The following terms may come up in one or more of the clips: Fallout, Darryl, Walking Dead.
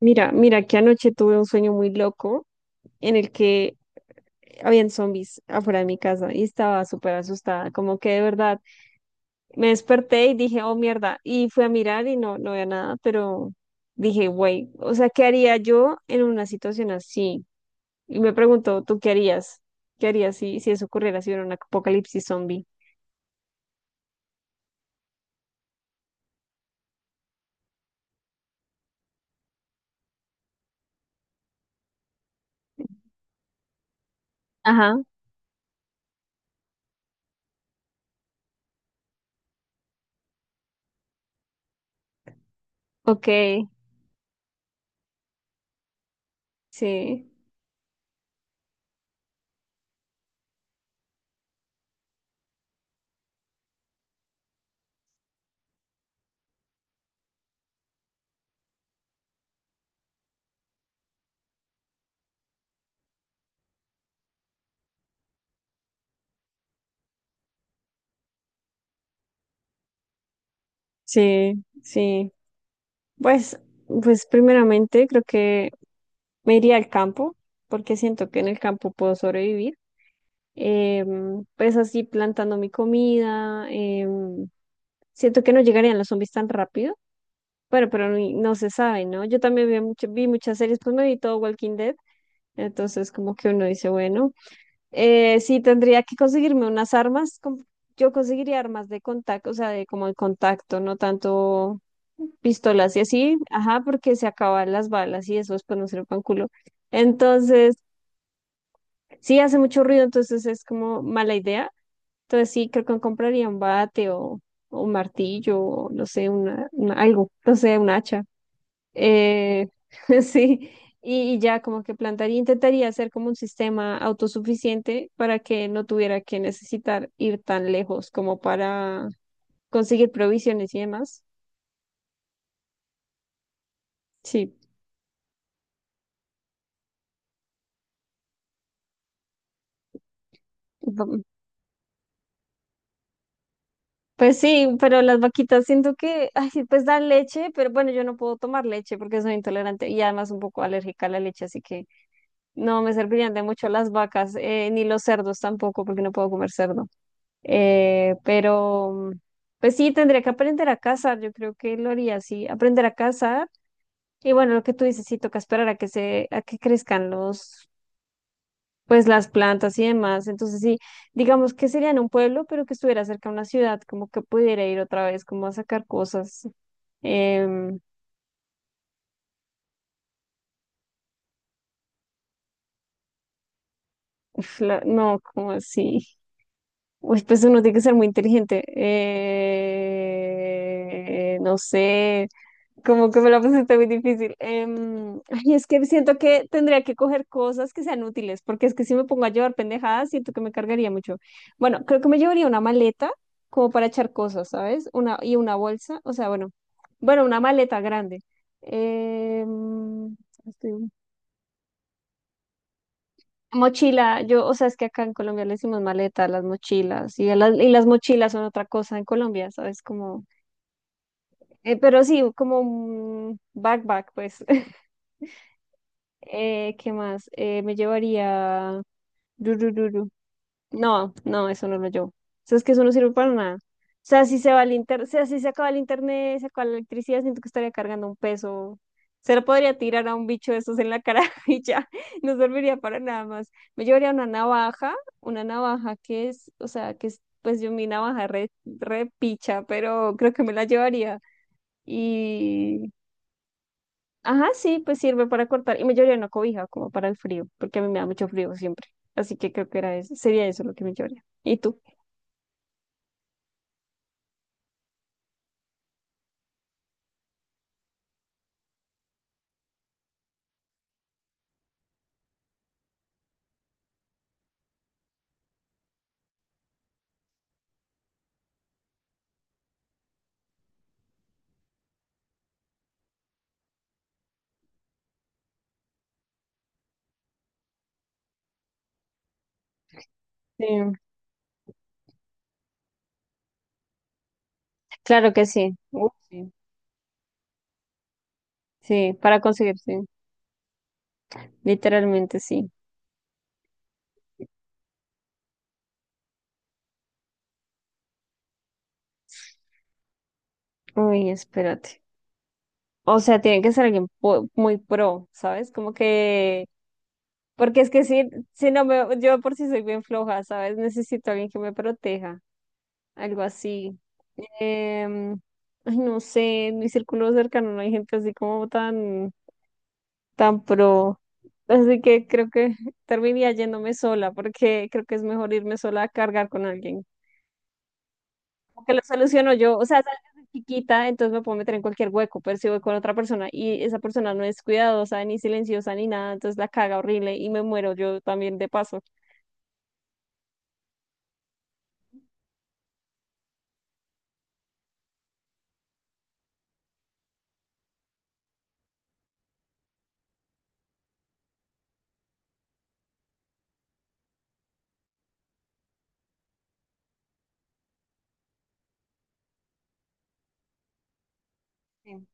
Mira que anoche tuve un sueño muy loco en el que habían zombies afuera de mi casa y estaba súper asustada, como que de verdad me desperté y dije, oh mierda, y fui a mirar y no había nada, pero dije, güey, o sea, ¿qué haría yo en una situación así? Y me preguntó, ¿tú qué harías? ¿Qué harías si eso ocurriera, si hubiera un apocalipsis zombie? Ajá, ok, sí, sí, sí. Pues, pues primeramente creo que me iría al campo porque siento que en el campo puedo sobrevivir. Pues así plantando mi comida. Siento que no llegarían los zombies tan rápido. Bueno, pero no, se sabe, ¿no? Yo también vi, vi muchas series, pues me vi todo Walking Dead. Entonces como que uno dice, bueno, sí tendría que conseguirme unas armas. Yo conseguiría armas de contacto, o sea, de como el contacto, no tanto pistolas y así. Ajá, porque se acaban las balas y eso después no sirve para un culo. Entonces... Sí, hace mucho ruido, entonces es como mala idea. Entonces sí, creo que compraría un bate o un martillo, o no sé, algo, no sé, un hacha. Eh, sí, y ya como que plantaría, intentaría hacer como un sistema autosuficiente para que no tuviera que necesitar ir tan lejos como para conseguir provisiones y demás. Sí, no. Pues sí, pero las vaquitas siento que, ay, sí, pues dan leche, pero bueno, yo no puedo tomar leche porque soy intolerante y además un poco alérgica a la leche, así que no me servirían de mucho las vacas, ni los cerdos tampoco, porque no puedo comer cerdo. Eh, pero, pues sí, tendría que aprender a cazar, yo creo que lo haría así, aprender a cazar. Y bueno, lo que tú dices, sí, toca esperar a que se, a que crezcan los, pues las plantas y demás. Entonces sí, digamos que sería en un pueblo, pero que estuviera cerca de una ciudad, como que pudiera ir otra vez, como a sacar cosas. Em, Uf, no, como así. Uy, pues uno tiene que ser muy inteligente. No sé. Como que me la pusiste muy difícil. Ay, es que siento que tendría que coger cosas que sean útiles, porque es que si me pongo a llevar pendejadas, siento que me cargaría mucho. Bueno, creo que me llevaría una maleta como para echar cosas, ¿sabes? Una, y una bolsa, o sea, bueno, bueno, una maleta grande. Em, estoy- Mochila, yo, o sea, es que acá en Colombia le decimos maleta a las mochilas, y, a las, y las mochilas son otra cosa en Colombia, ¿sabes? Como, pero sí, como un backpack, pues. ¿Qué más? Me llevaría... Rurururu. No, eso no lo llevo. Eso es que eso no sirve para nada. O sea, si se va el inter... o sea, si se acaba el internet, se acaba la electricidad, siento que estaría cargando un peso. Se lo podría tirar a un bicho de esos en la cara y ya, no serviría para nada más. Me llevaría una navaja que es, o sea, que es, pues yo mi navaja re picha, pero creo que me la llevaría. Ajá, sí, pues sirve para cortar. Y me llevaría una cobija como para el frío, porque a mí me da mucho frío siempre. Así que creo que era eso, sería eso lo que me llevaría. ¿Y tú? Sí, claro que sí. Uf, sí. Sí, para conseguir, sí. Literalmente sí. Uy, espérate. O sea, tiene que ser alguien muy pro, ¿sabes? Como que, porque es que si no me, yo por si soy bien floja, ¿sabes? Necesito a alguien que me proteja, algo así. Em, Ay, no sé, en mi círculo cercano no hay gente así como tan tan pro. Así que creo que terminaría yéndome sola, porque creo que es mejor irme sola a cargar con alguien. Porque lo soluciono yo, o sea, sabes, desde chiquita, entonces me puedo meter en cualquier hueco, pero si voy con otra persona y esa persona no es cuidadosa, ni silenciosa, ni nada, entonces la caga horrible y me muero yo también de paso. Sí.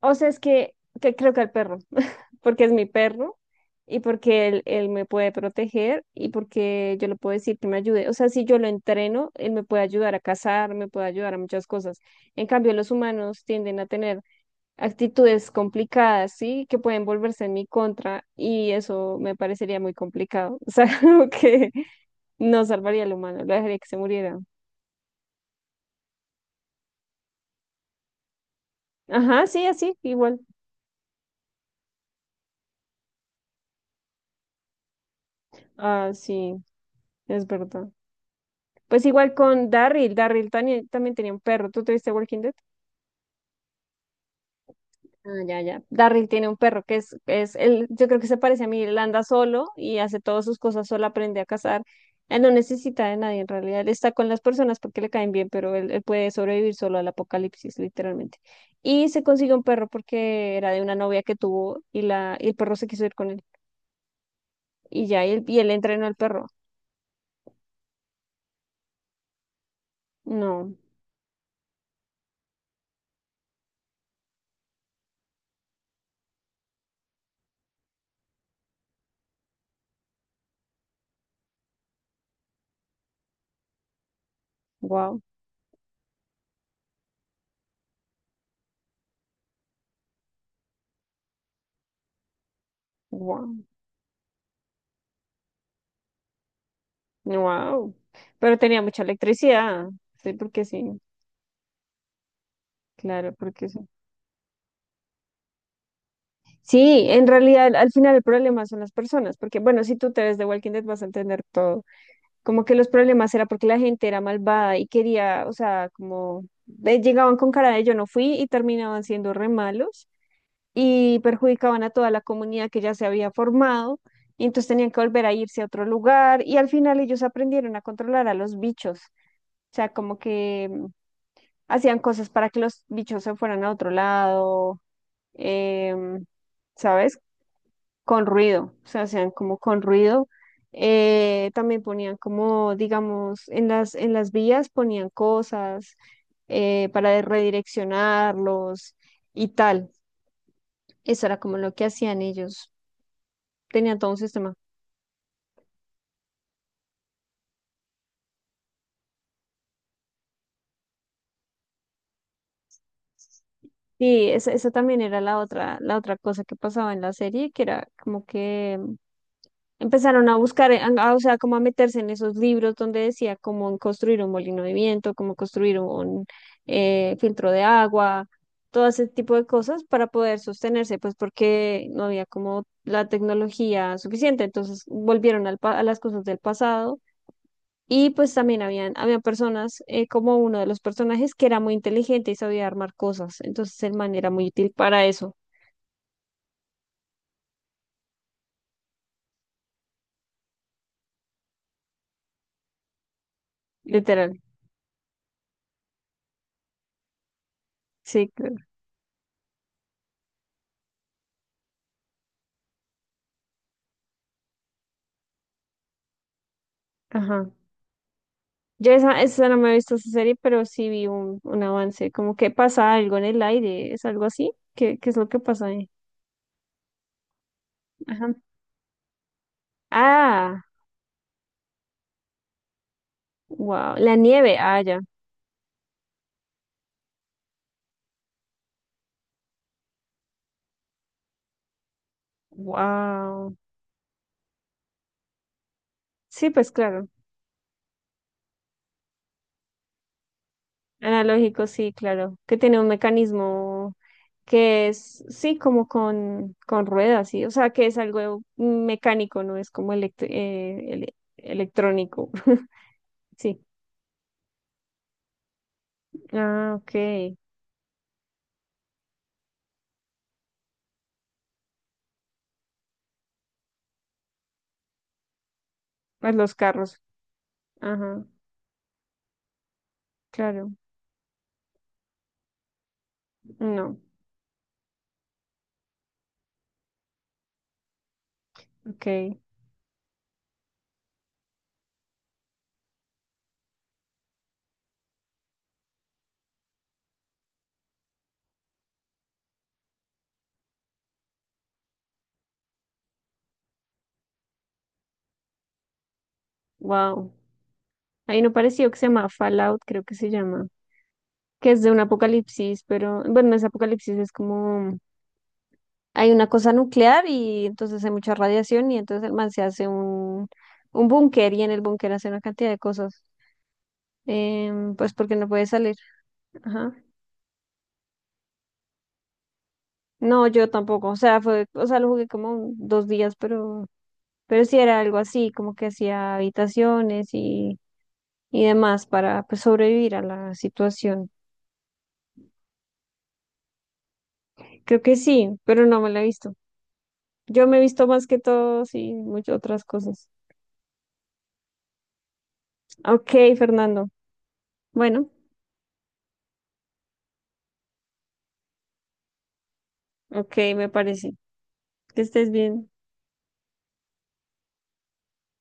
O sea, es que creo que al perro, porque es mi perro y porque él me puede proteger y porque yo le puedo decir que me ayude. O sea, si yo lo entreno, él me puede ayudar a cazar, me puede ayudar a muchas cosas. En cambio, los humanos tienden a tener actitudes complicadas, ¿sí? Que pueden volverse en mi contra y eso me parecería muy complicado. O sea, como que no salvaría al humano, lo dejaría que se muriera. Ajá, sí, así, igual. Ah, sí, es verdad. Pues igual con Darryl, Darryl también, también tenía un perro. ¿Tú tuviste Walking Dead? Ah, ya, ya. Darryl tiene un perro que es él, yo creo que se parece a mí, él anda solo y hace todas sus cosas solo, aprende a cazar. Él no necesita de nadie en realidad, él está con las personas porque le caen bien, pero él puede sobrevivir solo al apocalipsis, literalmente. Y se consiguió un perro porque era de una novia que tuvo y, la, y el perro se quiso ir con él. Y ya, y él entrenó al perro. No, wow, wow. Wow, pero tenía mucha electricidad. Sí, claro, porque sí. Sí, en realidad al final el problema son las personas, porque bueno, si tú te ves de Walking Dead vas a entender todo. Como que los problemas era porque la gente era malvada y quería, o sea, como llegaban con cara de yo no fui y terminaban siendo re malos y perjudicaban a toda la comunidad que ya se había formado. Y entonces tenían que volver a irse a otro lugar y al final ellos aprendieron a controlar a los bichos. O sea, como que hacían cosas para que los bichos se fueran a otro lado, em, ¿sabes? Con ruido, o sea, hacían como con ruido. También ponían como, digamos, en las vías ponían cosas redireccionarlos y tal. Eso era como lo que hacían ellos. Tenían todo un sistema. Sí, esa también era la otra cosa que pasaba en la serie, que era como que empezaron a buscar, o sea, como a meterse en esos libros donde decía cómo construir un molino de viento, cómo construir un filtro de agua, todo ese tipo de cosas para poder sostenerse, pues porque no había como la tecnología suficiente. Entonces volvieron al a las cosas del pasado y pues también habían, había personas como uno de los personajes que era muy inteligente y sabía armar cosas. Entonces el man era muy útil para eso, literal. Sí, claro. Ajá. Yo esa, esa no me he visto esa serie, pero sí vi un avance, como que pasa algo en el aire, ¿es algo así? ¿Qué, qué es lo que pasa ahí? Ajá. Ah, wow, la nieve, ah, ya, wow. Sí, pues claro, analógico, sí, claro, que tiene un mecanismo que es, sí, como con ruedas, sí, o sea, que es algo mecánico, no es como electrónico, sí. Ah, ok, pues los carros, ajá, claro, no. Ok, wow. Hay uno parecido que se llama Fallout, creo que se llama, que es de un apocalipsis, pero bueno, ese apocalipsis es como hay una cosa nuclear y entonces hay mucha radiación y entonces el man se hace un búnker y en el búnker hace una cantidad de cosas, pues porque no puede salir. Ajá. No, yo tampoco, o sea, fue, o sea, lo jugué como dos días, pero sí era algo así, como que hacía habitaciones y demás para pues, sobrevivir a la situación. Creo que sí, pero no me la he visto. Yo me he visto más que todo, sí, muchas otras cosas. Ok, Fernando. Bueno, ok, me parece. Que estés bien.